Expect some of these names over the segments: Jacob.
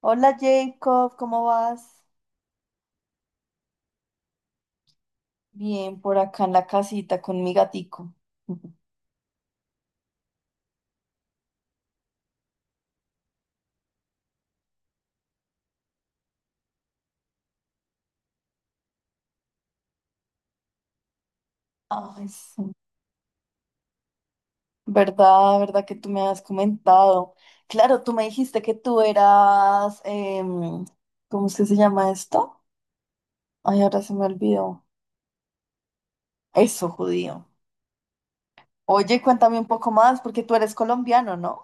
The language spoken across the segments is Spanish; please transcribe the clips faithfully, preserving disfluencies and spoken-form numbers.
Hola Jacob, ¿cómo vas? Bien, por acá en la casita con mi gatico. Ay, sí. ¿Verdad? ¿Verdad que tú me has comentado? Claro, tú me dijiste que tú eras, em, ¿cómo es que se llama esto? Ay, ahora se me olvidó. Eso, judío. Oye, cuéntame un poco más, porque tú eres colombiano, ¿no?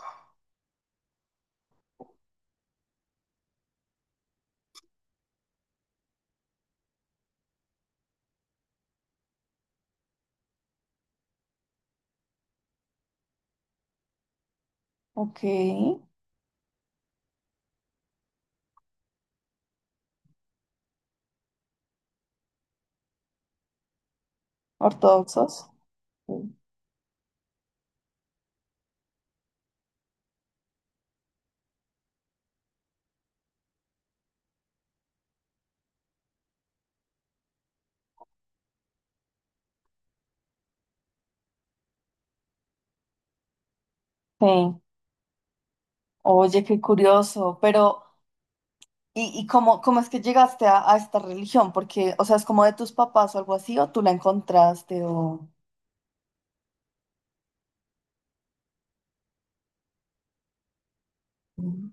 Ok, ortodoxos. Sí. Sí. Oye, qué curioso, pero ¿Y, y cómo, cómo es que llegaste a, a esta religión? Porque, o sea, es como de tus papás o algo así, o tú la encontraste, o... Mm.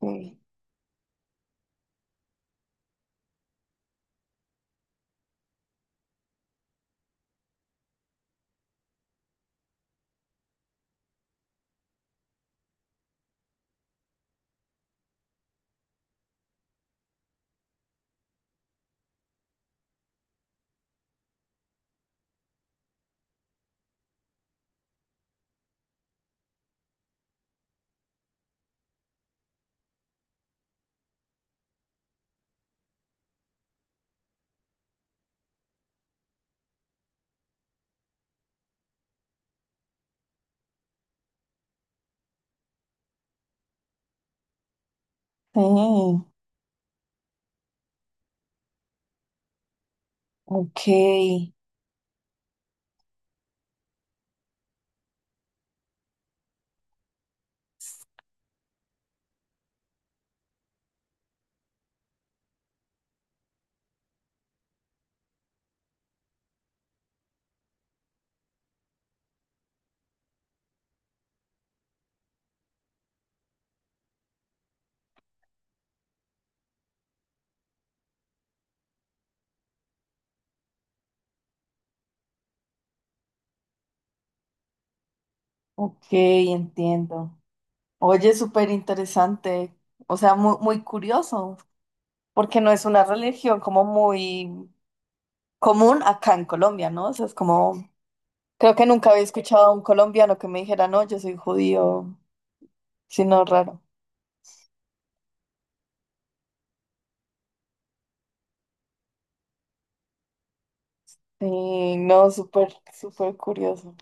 Sí, sí, ok, ok, entiendo. Oye, súper interesante, o sea, muy, muy curioso, porque no es una religión como muy común acá en Colombia, ¿no? O sea, es como, creo que nunca había escuchado a un colombiano que me dijera, no, yo soy judío, sino raro. Sí, no, súper, súper curioso.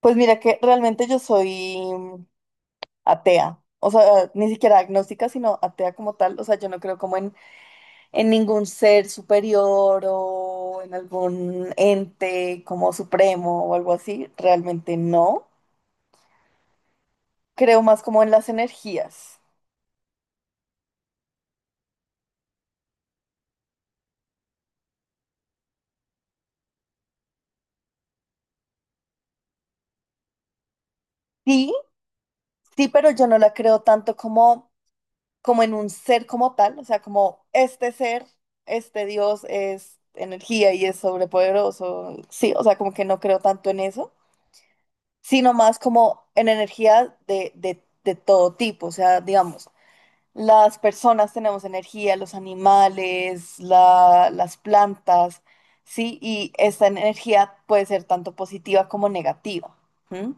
Pues mira que realmente yo soy atea, o sea, ni siquiera agnóstica, sino atea como tal, o sea, yo no creo como en, en ningún ser superior o en algún ente como supremo o algo así, realmente no. Creo más como en las energías. Sí, sí, pero yo no la creo tanto como, como en un ser como tal, o sea, como este ser, este Dios es energía y es sobrepoderoso, sí, o sea, como que no creo tanto en eso sino más como en energía de, de, de todo tipo. O sea, digamos, las personas tenemos energía, los animales, la- las plantas, ¿sí? Y esta energía puede ser tanto positiva como negativa. ¿M?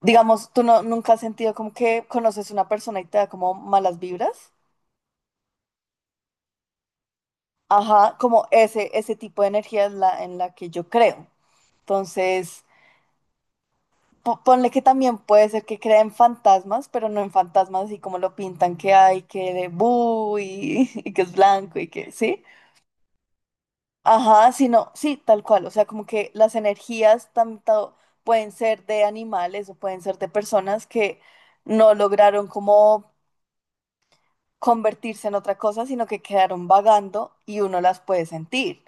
Digamos, tú no, nunca has sentido como que conoces una persona y te da como malas vibras. Ajá, como ese, ese tipo de energía es la en la que yo creo. Entonces, Po- ponle que también puede ser que crea en fantasmas, pero no en fantasmas así como lo pintan que hay, que de bu y, y que es blanco y que, ¿sí? Ajá, sino, sí, tal cual. O sea, como que las energías tanto pueden ser de animales o pueden ser de personas que no lograron como convertirse en otra cosa, sino que quedaron vagando y uno las puede sentir.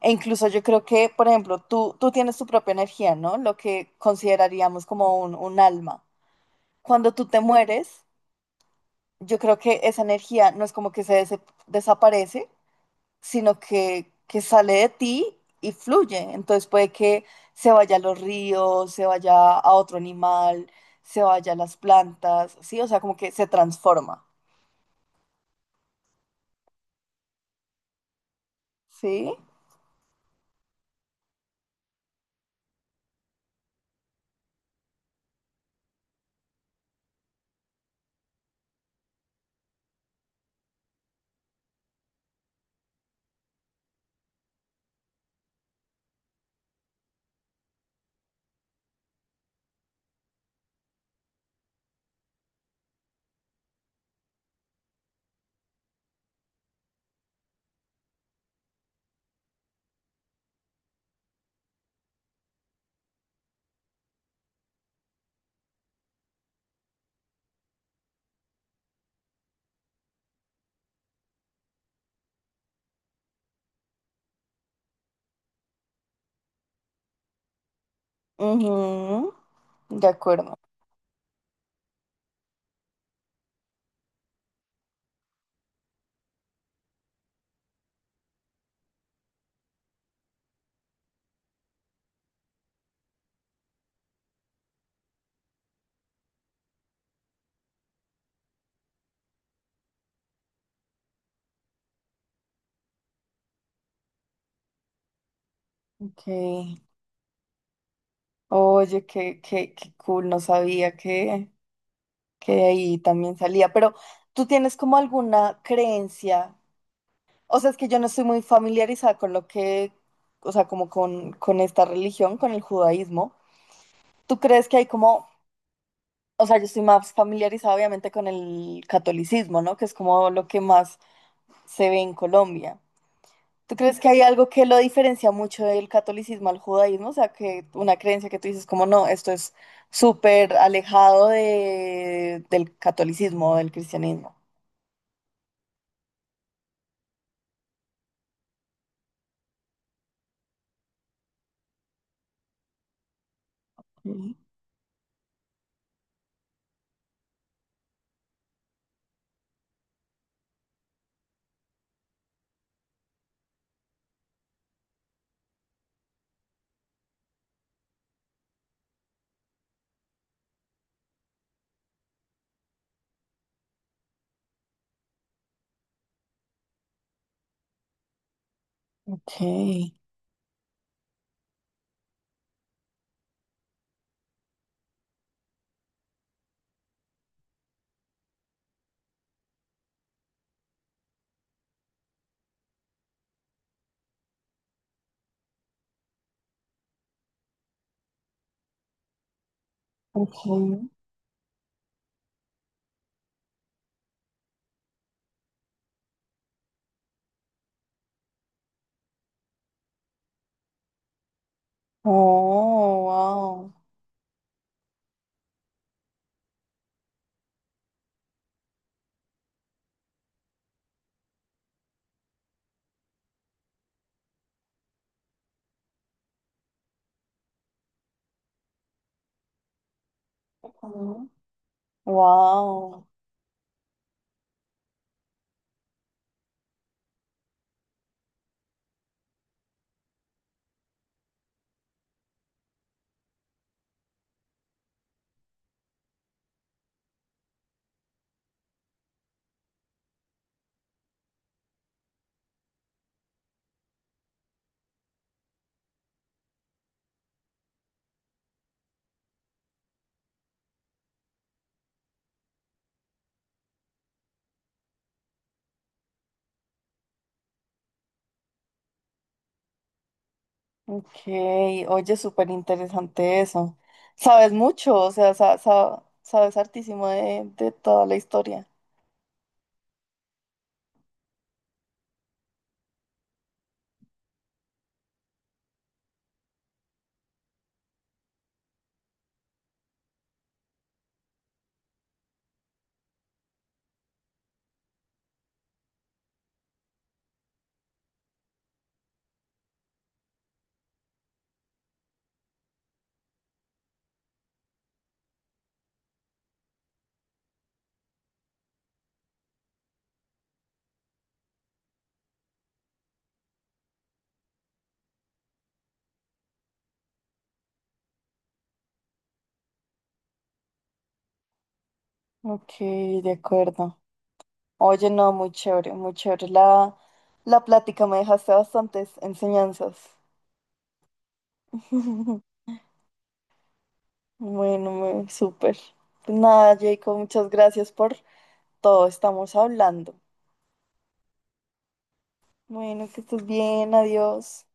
E incluso yo creo que, por ejemplo, tú, tú tienes tu propia energía, ¿no? Lo que consideraríamos como un, un alma cuando tú te mueres, yo creo que esa energía no es como que se des- desaparece, sino que, que sale de ti y fluye. Entonces puede que se vaya a los ríos, se vaya a otro animal, se vaya a las plantas, ¿sí? O sea, como que se transforma, ¿sí? Ujú, de acuerdo. Ok. Oye, qué, qué, qué cool, no sabía que, que, de ahí también salía. Pero ¿tú tienes como alguna creencia? O sea, es que yo no estoy muy familiarizada con lo que, o sea, como con, con esta religión, con el judaísmo. ¿Tú crees que hay como, o sea, yo estoy más familiarizada obviamente con el catolicismo, ¿no? Que es como lo que más se ve en Colombia. ¿Tú crees que hay algo que lo diferencia mucho del catolicismo al judaísmo? O sea, que una creencia que tú dices como, no, esto es súper alejado de, del catolicismo, del cristianismo. Mm, ok. Ok. Oh, wow. Wow, ok, oye, súper interesante eso. Sabes mucho, o sea, sa- sa- sabes hartísimo de, de toda la historia. Ok, de acuerdo. Oye, no, muy chévere, muy chévere. La, la plática me dejaste bastantes enseñanzas. Bueno, me- súper. Pues nada, Jacob, muchas gracias por todo. Estamos hablando. Bueno, que estés bien, adiós.